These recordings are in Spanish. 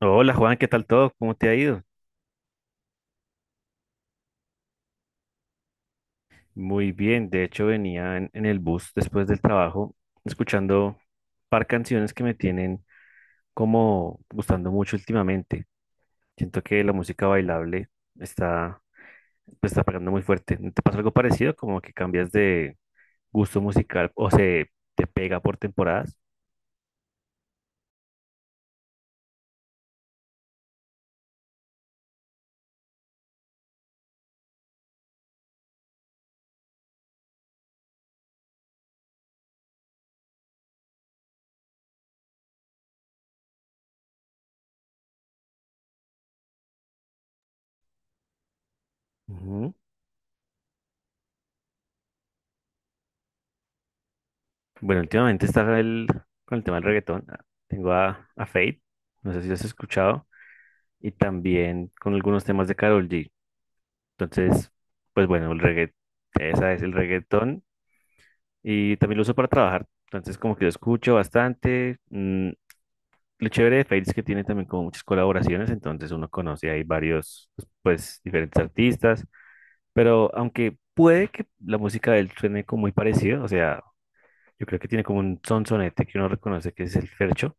Hola Juan, ¿qué tal todo? ¿Cómo te ha ido? Muy bien, de hecho venía en el bus después del trabajo escuchando un par canciones que me tienen como gustando mucho últimamente. Siento que la música bailable está, está pegando muy fuerte. ¿No te pasa algo parecido? Como que cambias de gusto musical o se te pega por temporadas. Ujú. Bueno, últimamente con el tema del reggaetón. Tengo a Fate, no sé si lo has escuchado, y también con algunos temas de Karol G. Entonces, pues bueno, el reggaetón, esa es el reggaetón y también lo uso para trabajar. Entonces, como que lo escucho bastante. Lo chévere de Fails es que tiene también como muchas colaboraciones, entonces uno conoce ahí varios, pues, diferentes artistas, pero aunque puede que la música de él suene como muy parecido, o sea, yo creo que tiene como un sonsonete que uno reconoce que es el Fercho,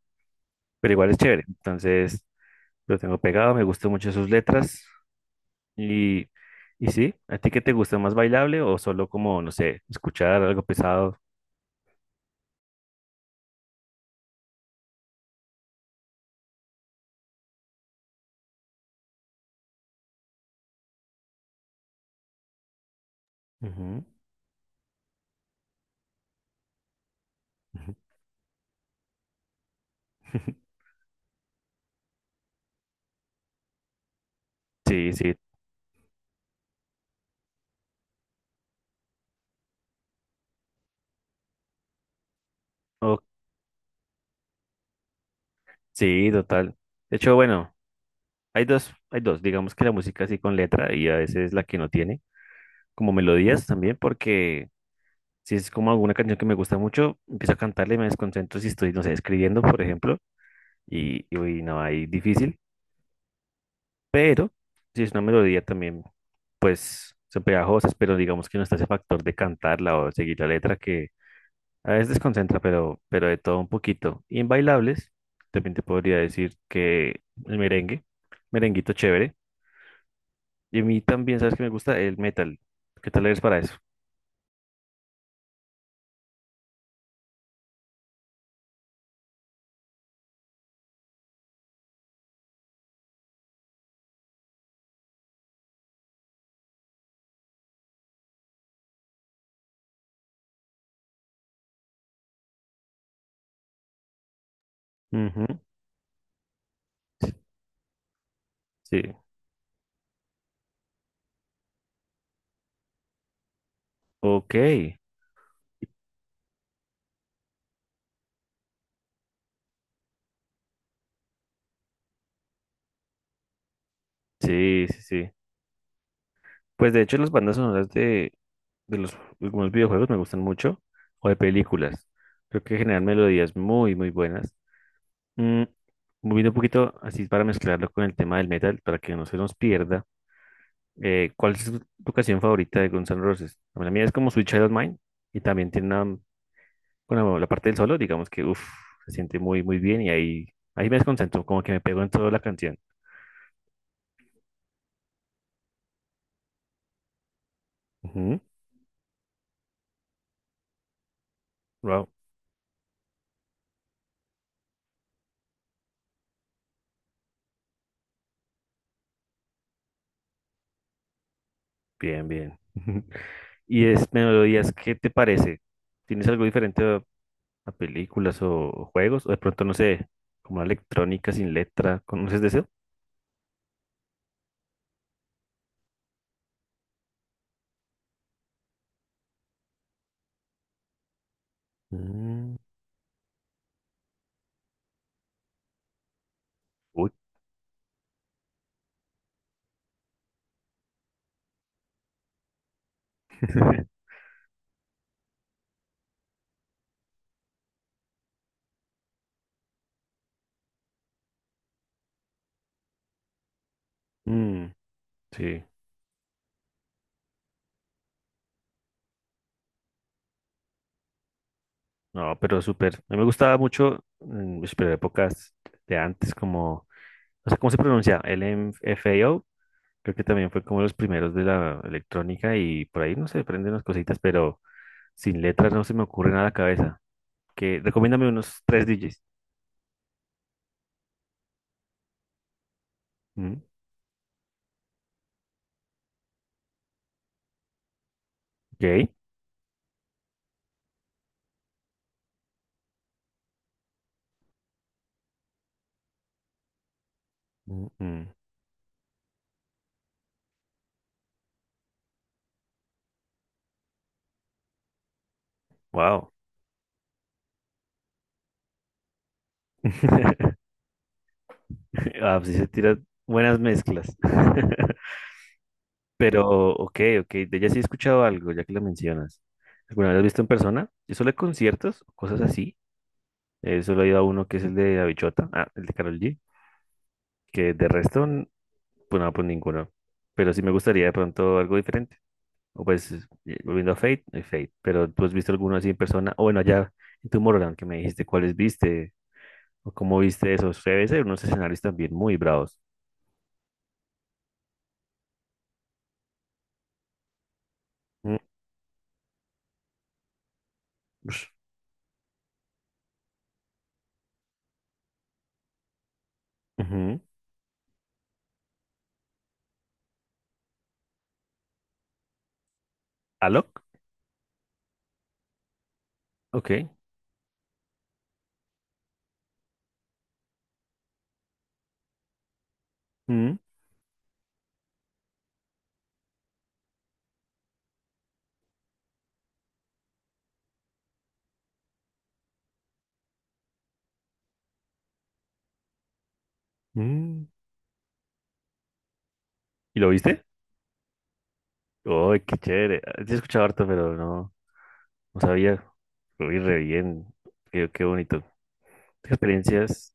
pero igual es chévere. Entonces, lo tengo pegado, me gustan mucho sus letras. Y, y sí, ¿a ti qué te gusta más, bailable o solo como, no sé, escuchar algo pesado? Ujú, ujú. Sí, sí, o- sí, total. De hecho, bueno, digamos que la música así con letra y a veces la que no tiene, como melodías también, porque si es como alguna canción que me gusta mucho, empiezo a cantarla y me desconcentro si estoy, no sé, escribiendo, por ejemplo, y uy, no, ahí difícil. Pero si es una melodía también, pues son pegajosas, pero digamos que no está ese factor de cantarla o seguir la letra que a veces desconcentra, pero de todo un poquito. Y en bailables, también te podría decir que el merengue, merenguito chévere. Y a mí también, ¿sabes que me gusta? El metal. ¿Qué tal eres para eso? Ujú. Sí, ok. Sí, sí, sí. Pues de hecho las bandas sonoras de los algunos videojuegos me gustan mucho o de películas. Creo que generan melodías muy, muy buenas. Mm, Moviendo un poquito así para mezclarlo con el tema del metal, para que no se nos pierda, ¿cuál es tu canción favorita de Guns N' Roses? Bueno, la mía es como Sweet Child of Mine y también tiene una, bueno, la parte del solo, digamos que uf, se siente muy, muy bien y ahí me desconcentro, como que me pego en toda la canción. Ujú. Wow, bien, bien. ¿Y es melodías, qué te parece? ¿Tienes algo diferente a películas o juegos? O de pronto, no sé, como la electrónica sin letra, ¿conoces de eso? Mm, uy. Mm, sí, no, pero súper. A mí me gustaba mucho, ush, pero épocas de antes, como, no sé cómo se pronuncia, L M F A O. Creo que también fue como los primeros de la electrónica y por ahí, no se prenden unas cositas, pero sin letras no se me ocurre nada a la cabeza. Que, recomiéndame unos tres DJs. Mm, ok. Mm, mm, wow. Ah, pues sí se tiran buenas mezclas. Pero, ok, ok, de ella sí he escuchado algo, ya que lo mencionas. ¿Alguna vez has visto en persona? Yo solo he conciertos, cosas así. Solo he ido a uno que es el de Bichota, ah, el de Karol G, que de resto, pues no, pues ninguno. Pero sí me gustaría de pronto algo diferente. O pues, volviendo a Fate. Pero tú has visto alguno así en persona, o bueno, allá en Tomorrowland, que me dijiste cuáles viste, o cómo viste esos. Debe ser unos escenarios también muy bravos. Mm, ush, ujú. ¿Alok? Ok. Mm, mm. ¿Y lo viste? Uy, qué chévere. Ah, sí he escuchado harto, pero no, no sabía. Uy, re bien. Qué, qué bonito. ¿Qué experiencias?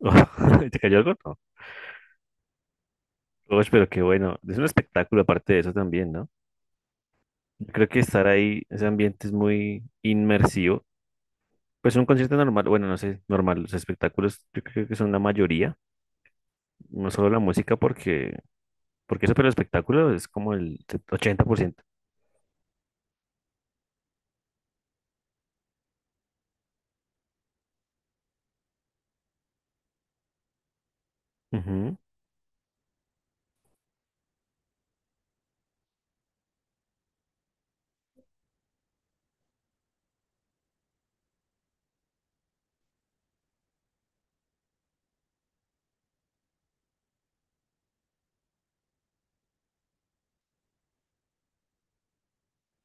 Oh, ¿te cayó algo? No. Uy, pero qué bueno. Es un espectáculo aparte de eso también, ¿no? Yo creo que estar ahí, ese ambiente es muy inmersivo. Pues un concierto normal, bueno, no sé, normal. Los espectáculos yo creo que son la mayoría. No solo la música, porque eso, pero el espectáculo es como el 80%. Ujú,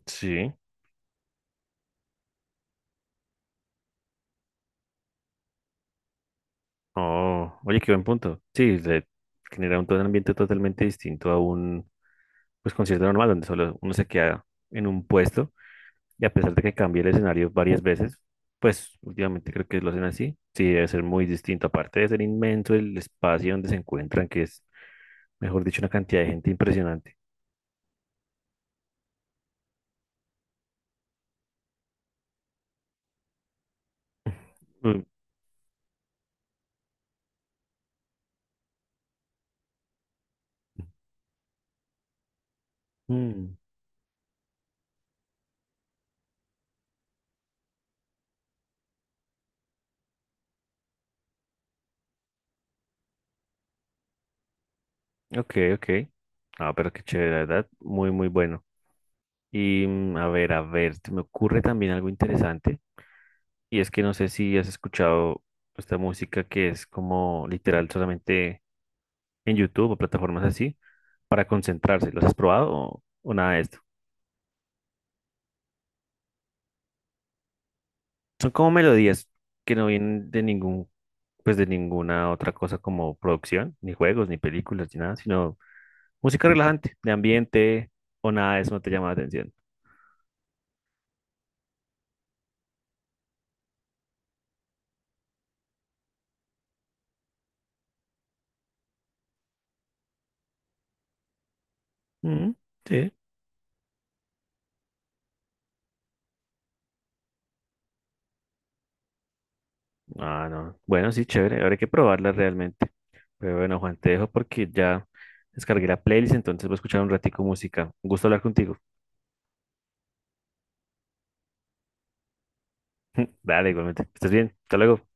sí. Oh, oye, qué buen punto. Sí, se genera un, todo un ambiente totalmente distinto a un pues, concierto normal, donde solo uno se queda en un puesto y a pesar de que cambie el escenario varias veces, pues últimamente creo que lo hacen así. Sí, debe ser muy distinto. Aparte de ser inmenso el espacio donde se encuentran, que es, mejor dicho, una cantidad de gente impresionante. Mm, mm, ok, ok. Ah, pero qué chévere, la verdad. Muy, muy bueno. Y a ver, se me ocurre también algo interesante. Y es que no sé si has escuchado esta música que es como literal solamente en YouTube o plataformas así para concentrarse. ¿Los has probado o nada de esto? Son como melodías que no vienen de ningún, pues de ninguna otra cosa como producción, ni juegos, ni películas, ni nada, sino música relajante, de ambiente o nada de eso no te llama la atención. Mm, sí. Ah, no. Bueno, sí, chévere. Ahora hay que probarla realmente. Pero bueno, Juan, te dejo porque ya descargué la playlist, entonces voy a escuchar un ratico música. Un gusto hablar contigo. Dale, igualmente. Estás bien. Hasta luego.